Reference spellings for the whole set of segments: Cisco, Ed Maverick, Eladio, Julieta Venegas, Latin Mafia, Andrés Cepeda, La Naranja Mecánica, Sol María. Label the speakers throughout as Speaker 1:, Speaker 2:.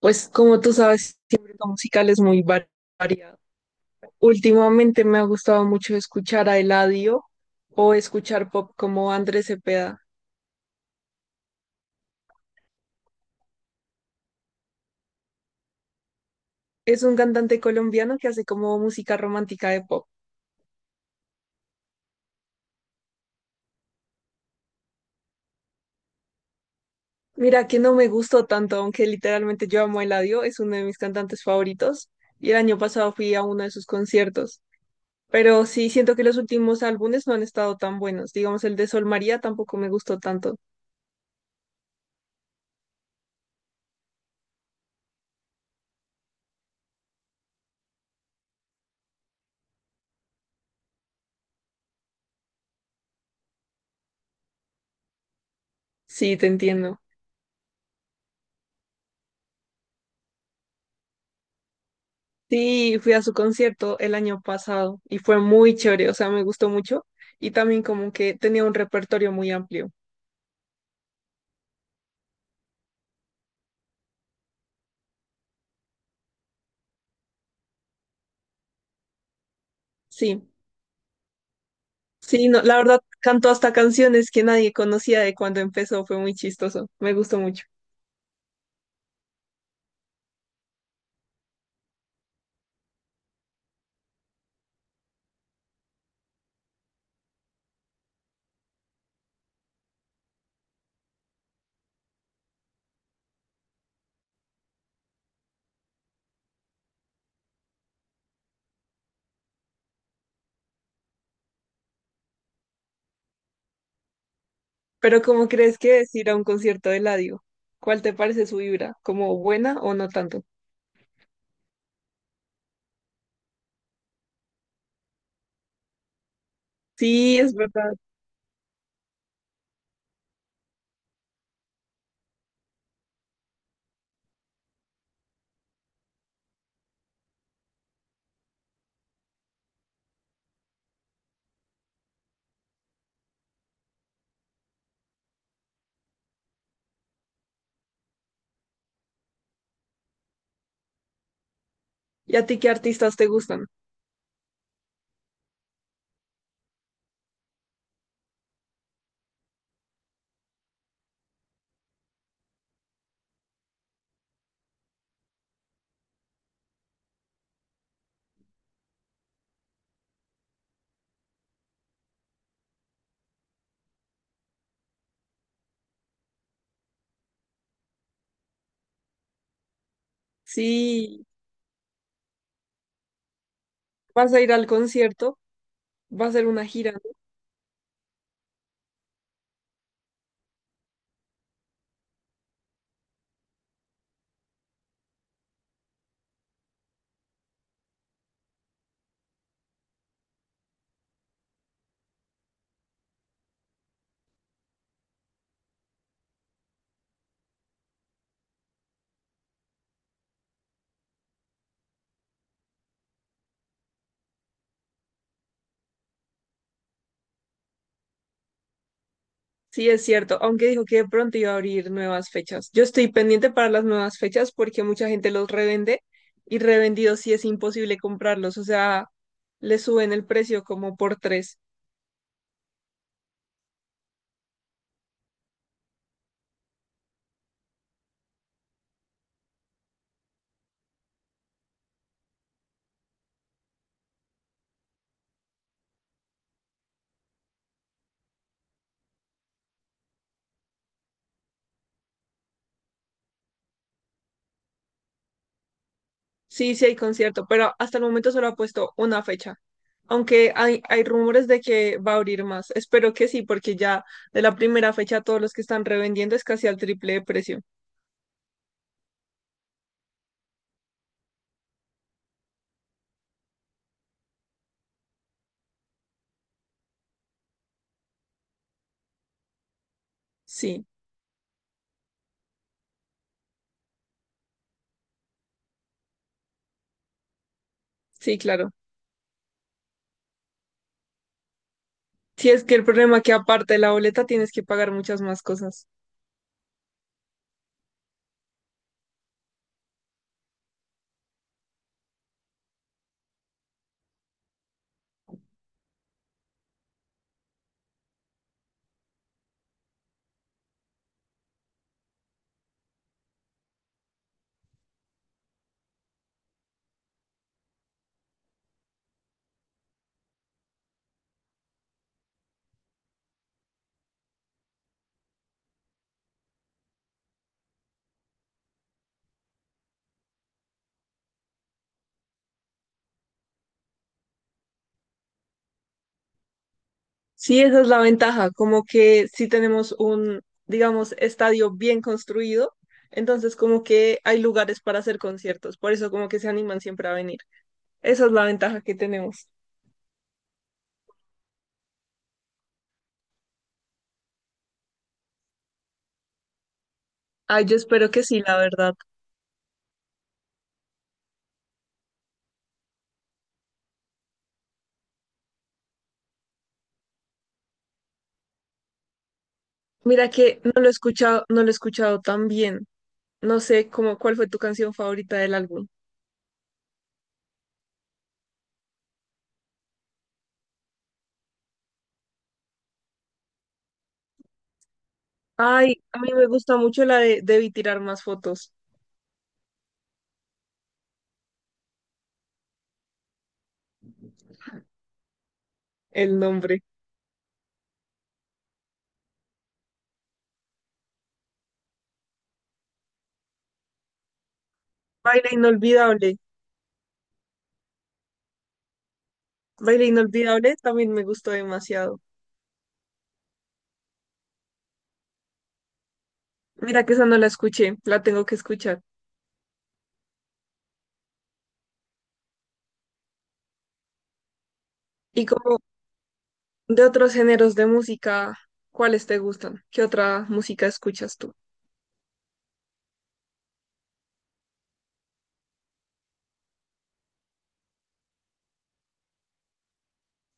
Speaker 1: Pues como tú sabes, siempre lo musical es muy variado. Últimamente me ha gustado mucho escuchar a Eladio o escuchar pop como Andrés Cepeda. Es un cantante colombiano que hace como música romántica de pop. Mira que no me gustó tanto, aunque literalmente yo amo a Eladio, es uno de mis cantantes favoritos y el año pasado fui a uno de sus conciertos. Pero sí siento que los últimos álbumes no han estado tan buenos. Digamos, el de Sol María tampoco me gustó tanto. Sí, te entiendo. Sí, fui a su concierto el año pasado y fue muy chévere, o sea, me gustó mucho y también como que tenía un repertorio muy amplio. Sí, sí, no, la verdad cantó hasta canciones que nadie conocía de cuando empezó, fue muy chistoso, me gustó mucho. Pero ¿cómo crees que es ir a un concierto de Eladio? ¿Cuál te parece su vibra? ¿Como buena o no tanto? Sí, es verdad. ¿Y a ti qué artistas te gustan? Sí, vas a ir al concierto, va a ser una gira. Sí, es cierto, aunque dijo que de pronto iba a abrir nuevas fechas. Yo estoy pendiente para las nuevas fechas porque mucha gente los revende y revendidos sí es imposible comprarlos, o sea, le suben el precio como por tres. Sí, sí hay concierto, pero hasta el momento solo ha puesto una fecha, aunque hay rumores de que va a abrir más. Espero que sí, porque ya de la primera fecha todos los que están revendiendo es casi al triple de precio. Sí, sí, claro. Sí, es que el problema es que aparte de la boleta tienes que pagar muchas más cosas. Sí, esa es la ventaja, como que si tenemos un, digamos, estadio bien construido, entonces como que hay lugares para hacer conciertos, por eso como que se animan siempre a venir. Esa es la ventaja que tenemos. Ay, yo espero que sí, la verdad. Mira que no lo he escuchado, no lo he escuchado tan bien. No sé cómo, cuál fue tu canción favorita del álbum. Ay, a mí me gusta mucho la de Debí tirar más fotos, el nombre. Baile inolvidable. Baile inolvidable también me gustó demasiado. Mira que esa no la escuché, la tengo que escuchar. Y como de otros géneros de música, ¿cuáles te gustan? ¿Qué otra música escuchas tú?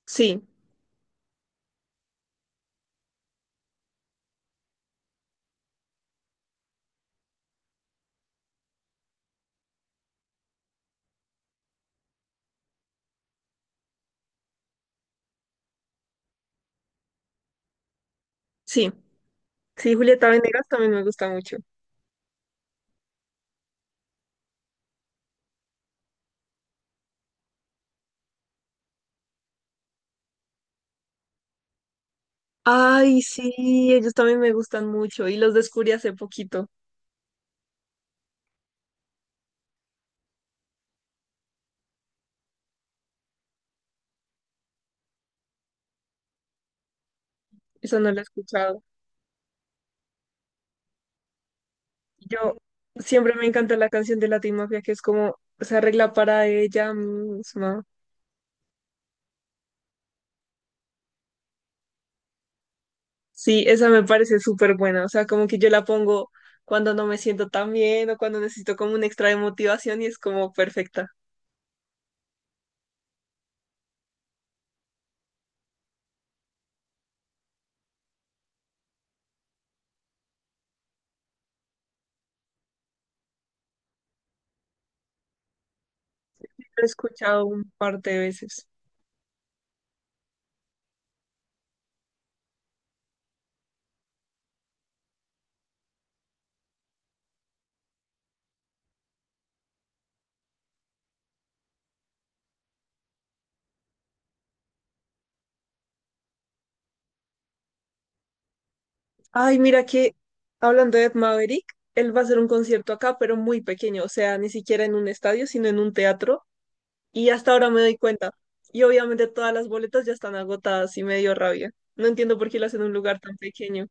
Speaker 1: Sí, sí. Sí, Julieta Venegas también me gusta mucho. Ay, sí, ellos también me gustan mucho y los descubrí hace poquito. Esa no la he escuchado. Yo siempre me encanta la canción de Latin Mafia que es como se arregla para ella misma. Sí, esa me parece súper buena. O sea, como que yo la pongo cuando no me siento tan bien o cuando necesito como un extra de motivación y es como perfecta. Lo he escuchado un par de veces. Ay, mira que hablando de Ed Maverick, él va a hacer un concierto acá, pero muy pequeño. O sea, ni siquiera en un estadio, sino en un teatro. Y hasta ahora me doy cuenta. Y obviamente todas las boletas ya están agotadas y me dio rabia. No entiendo por qué lo hacen en un lugar tan pequeño.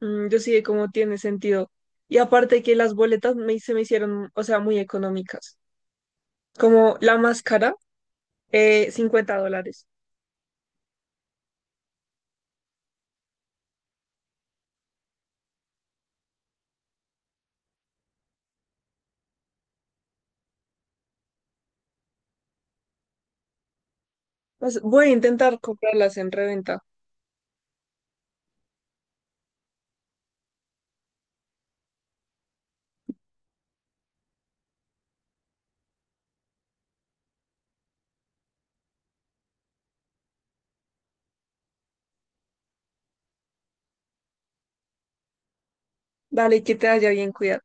Speaker 1: Mm, yo sí de cómo tiene sentido. Y aparte que las boletas me, se me hicieron, o sea, muy económicas. Como la más cara, $50. Pues voy a intentar comprarlas en reventa. Dale, que te haya bien, cuidado.